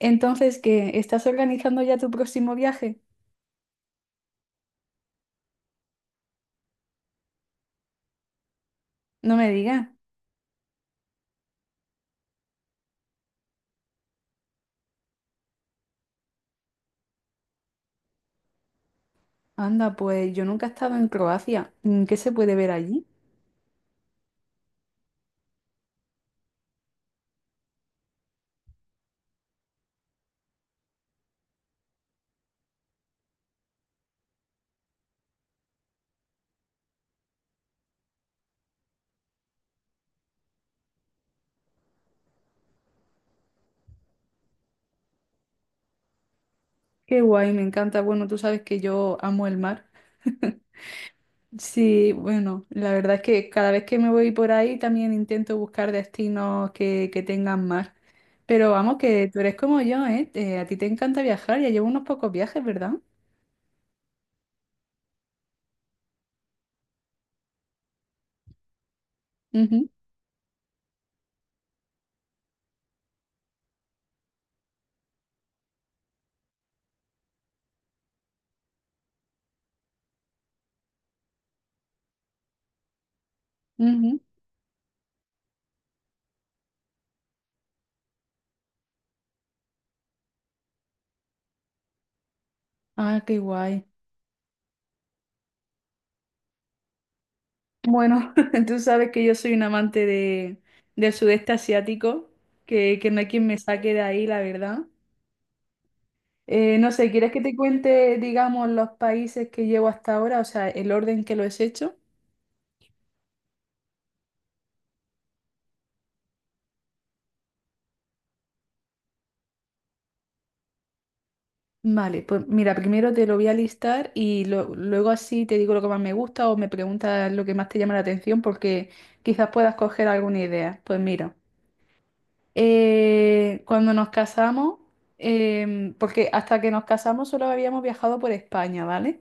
Entonces, ¿qué? ¿Estás organizando ya tu próximo viaje? No me digas. Anda, pues yo nunca he estado en Croacia. ¿Qué se puede ver allí? Qué guay, me encanta. Bueno, tú sabes que yo amo el mar. Sí, bueno, la verdad es que cada vez que me voy por ahí también intento buscar destinos que tengan mar. Pero vamos, que tú eres como yo, ¿eh? A ti te encanta viajar, ya llevo unos pocos viajes, ¿verdad? Ujú, ujú. Ah, qué guay. Bueno, tú sabes que yo soy un amante del sudeste asiático, que no hay quien me saque de ahí, la verdad. No sé, ¿quieres que te cuente, digamos, los países que llevo hasta ahora? O sea, el orden que lo he hecho. Vale, pues mira, primero te lo voy a listar y luego así te digo lo que más me gusta o me preguntas lo que más te llama la atención porque quizás puedas coger alguna idea. Pues mira, cuando nos casamos, porque hasta que nos casamos solo habíamos viajado por España, ¿vale?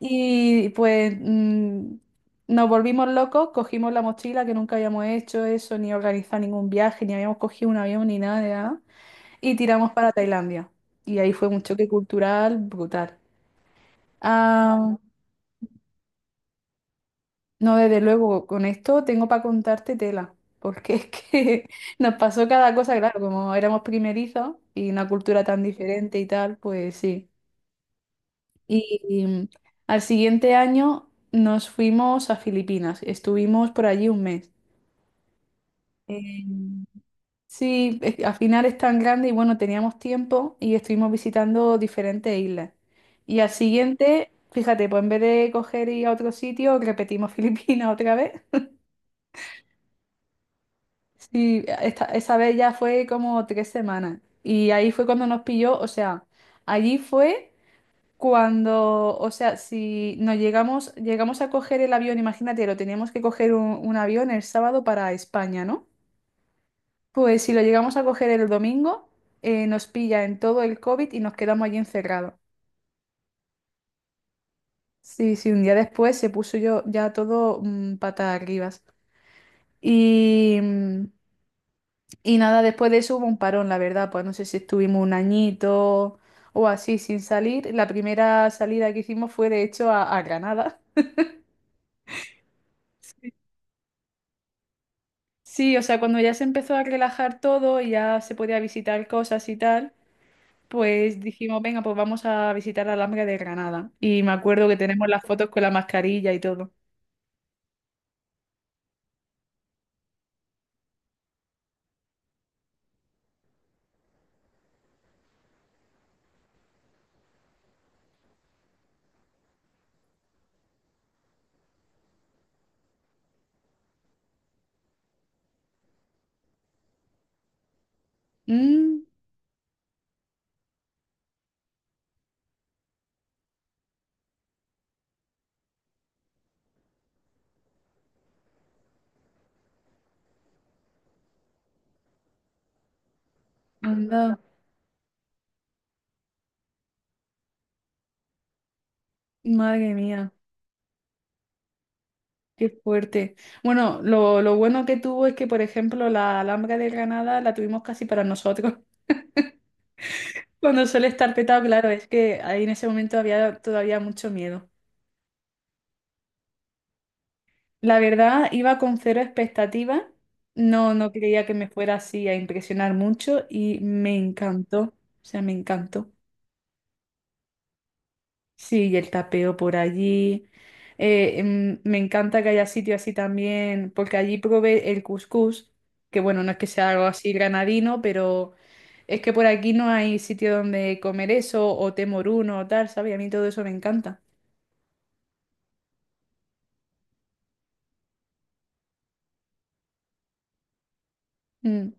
Y pues nos volvimos locos, cogimos la mochila que nunca habíamos hecho eso, ni organizado ningún viaje, ni habíamos cogido un avión, ni nada, de nada, y tiramos para Tailandia. Y ahí fue un choque cultural brutal. Ah, no, desde luego, con esto tengo para contarte tela, porque es que nos pasó cada cosa, claro, como éramos primerizos y una cultura tan diferente y tal, pues sí. Y al siguiente año nos fuimos a Filipinas. Estuvimos por allí un mes. Eh, sí, al final es tan grande y bueno, teníamos tiempo y estuvimos visitando diferentes islas. Y al siguiente, fíjate, pues en vez de coger y ir a otro sitio, repetimos Filipinas otra vez. Sí, esa vez ya fue como 3 semanas. Y ahí fue cuando nos pilló, o sea, allí fue. Cuando, o sea, si nos llegamos a coger el avión, imagínate, lo teníamos que coger un avión el sábado para España, ¿no? Pues si lo llegamos a coger el domingo, nos pilla en todo el COVID y nos quedamos allí encerrados. Sí, sí, un día después se puso yo ya todo patas arriba. Y, mm, y nada, después de eso hubo un parón, la verdad, pues no sé si estuvimos un añito o así sin salir. La primera salida que hicimos fue de hecho a Granada. Sí, o sea, cuando ya se empezó a relajar todo y ya se podía visitar cosas y tal, pues dijimos, venga, pues vamos a visitar la Alhambra de Granada. Y me acuerdo que tenemos las fotos con la mascarilla y todo. Mm, anda, madre mía, qué fuerte. Bueno, lo bueno que tuvo es que, por ejemplo, la Alhambra de Granada la tuvimos casi para nosotros. Cuando suele estar petado, claro, es que ahí en ese momento había todavía mucho miedo. La verdad, iba con cero expectativas. No, no creía que me fuera así a impresionar mucho y me encantó. O sea, me encantó. Sí, y el tapeo por allí. Me encanta que haya sitio así también, porque allí probé el couscous, que bueno, no es que sea algo así granadino, pero es que por aquí no hay sitio donde comer eso, o temoruno o tal, ¿sabes? A mí todo eso me encanta. Mm.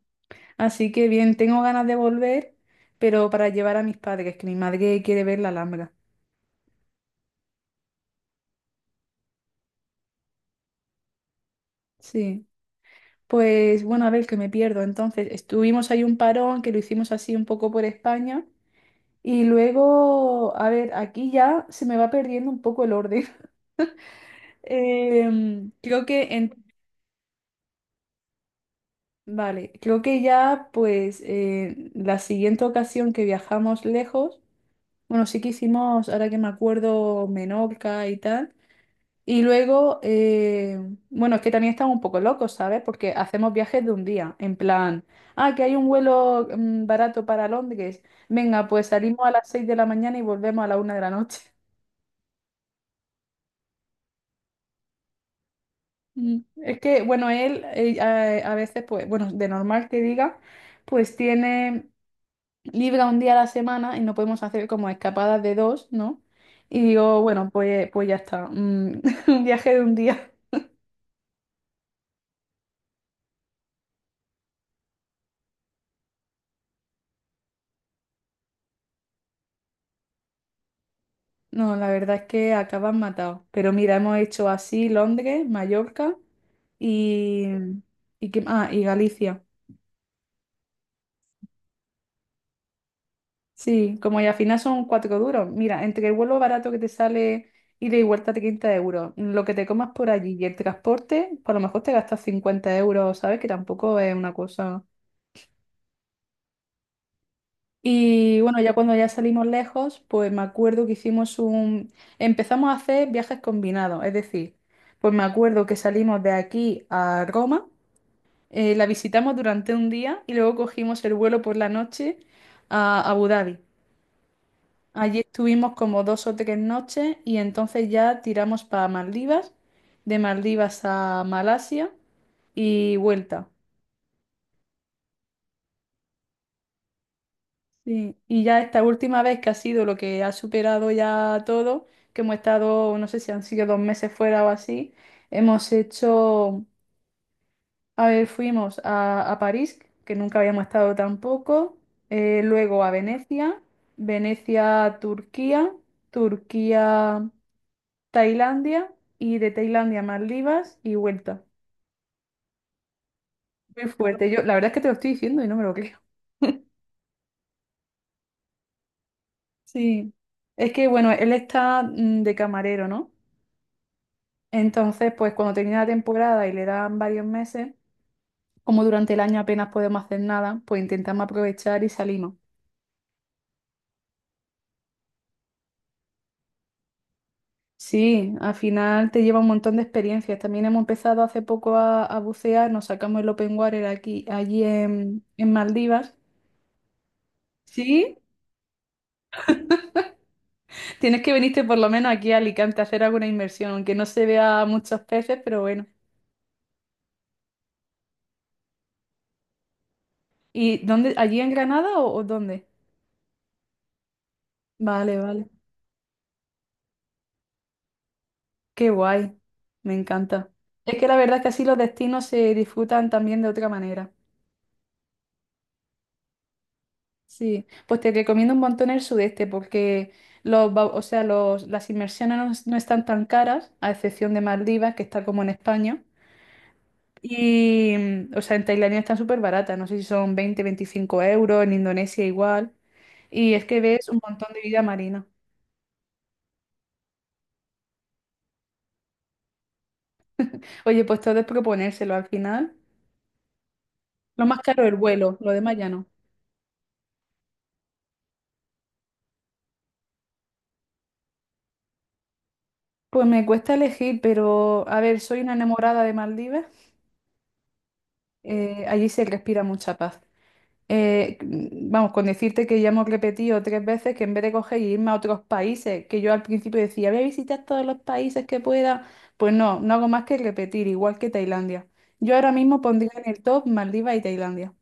Así que bien, tengo ganas de volver, pero para llevar a mis padres, que mi madre quiere ver la Alhambra. Sí. Pues bueno, a ver, que me pierdo. Entonces, estuvimos ahí un parón que lo hicimos así un poco por España. Y luego, a ver, aquí ya se me va perdiendo un poco el orden. Em, creo que en, vale, creo que ya pues la siguiente ocasión que viajamos lejos, bueno, sí que hicimos, ahora que me acuerdo, Menorca y tal. Y luego, bueno, es que también estamos un poco locos, ¿sabes? Porque hacemos viajes de un día, en plan, ah, que hay un vuelo barato para Londres. Venga, pues salimos a las 6 de la mañana y volvemos a la 1 de la noche. Es que, bueno, él a veces, pues, bueno, de normal que diga, pues tiene libre un día a la semana y no podemos hacer como escapadas de dos, ¿no? Y digo, bueno, pues ya está, un viaje de un día. No, la verdad es que acaban matado. Pero mira, hemos hecho así Londres, Mallorca y, y Galicia. Sí, como y al final son cuatro duros. Mira, entre el vuelo barato que te sale ida y vuelta 30 euros, lo que te comas por allí y el transporte, por lo mejor te gastas 50 euros, ¿sabes? Que tampoco es una cosa. Y bueno, ya cuando ya salimos lejos, pues me acuerdo que hicimos. Empezamos a hacer viajes combinados, es decir, pues me acuerdo que salimos de aquí a Roma. La visitamos durante un día y luego cogimos el vuelo por la noche a Abu Dhabi. Allí estuvimos como 2 o 3 noches y entonces ya tiramos para Maldivas, de Maldivas a Malasia y vuelta. Sí. Y ya esta última vez que ha sido lo que ha superado ya todo, que hemos estado, no sé si han sido 2 meses fuera o así, hemos hecho. A ver, fuimos a París, que nunca habíamos estado tampoco, luego a Venecia, Venecia, Turquía, Turquía, Tailandia y de Tailandia, Maldivas y vuelta. Muy fuerte. Yo, la verdad es que te lo estoy diciendo y no me lo creo. Sí. Es que, bueno, él está de camarero, ¿no? Entonces, pues cuando termina la temporada y le dan varios meses, como durante el año apenas podemos hacer nada, pues intentamos aprovechar y salimos. Sí, al final te lleva un montón de experiencias. También hemos empezado hace poco a bucear, nos sacamos el open water aquí, allí en Maldivas. Sí, tienes que venirte por lo menos aquí a Alicante a hacer alguna inmersión, aunque no se vea muchos peces, pero bueno. ¿Y dónde? ¿Allí en Granada o dónde? Vale, vale. Qué guay, me encanta. Es que la verdad es que así los destinos se disfrutan también de otra manera. Sí, pues te recomiendo un montón el sudeste porque o sea, las inmersiones no, no están tan caras, a excepción de Maldivas, que está como en España. Y, o sea, en Tailandia están súper baratas, no sé si son 20, 25 euros, en Indonesia igual. Y es que ves un montón de vida marina. Oye, pues todo es proponérselo al final. Lo más caro es el vuelo, lo demás ya no. Pues me cuesta elegir, pero a ver, soy una enamorada de Maldivas. Allí se respira mucha paz. Vamos, con decirte que ya hemos repetido 3 veces que en vez de coger y irme a otros países, que yo al principio decía, voy a visitar todos los países que pueda, pues no, no hago más que repetir, igual que Tailandia. Yo ahora mismo pondría en el top Maldivas y Tailandia,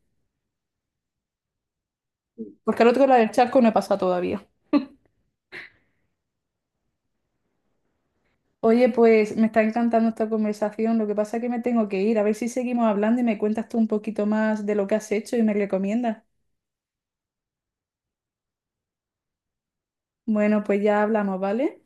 porque al otro lado del charco no he pasado todavía. Oye, pues me está encantando esta conversación, lo que pasa es que me tengo que ir, a ver si seguimos hablando y me cuentas tú un poquito más de lo que has hecho y me recomiendas. Bueno, pues ya hablamos, ¿vale?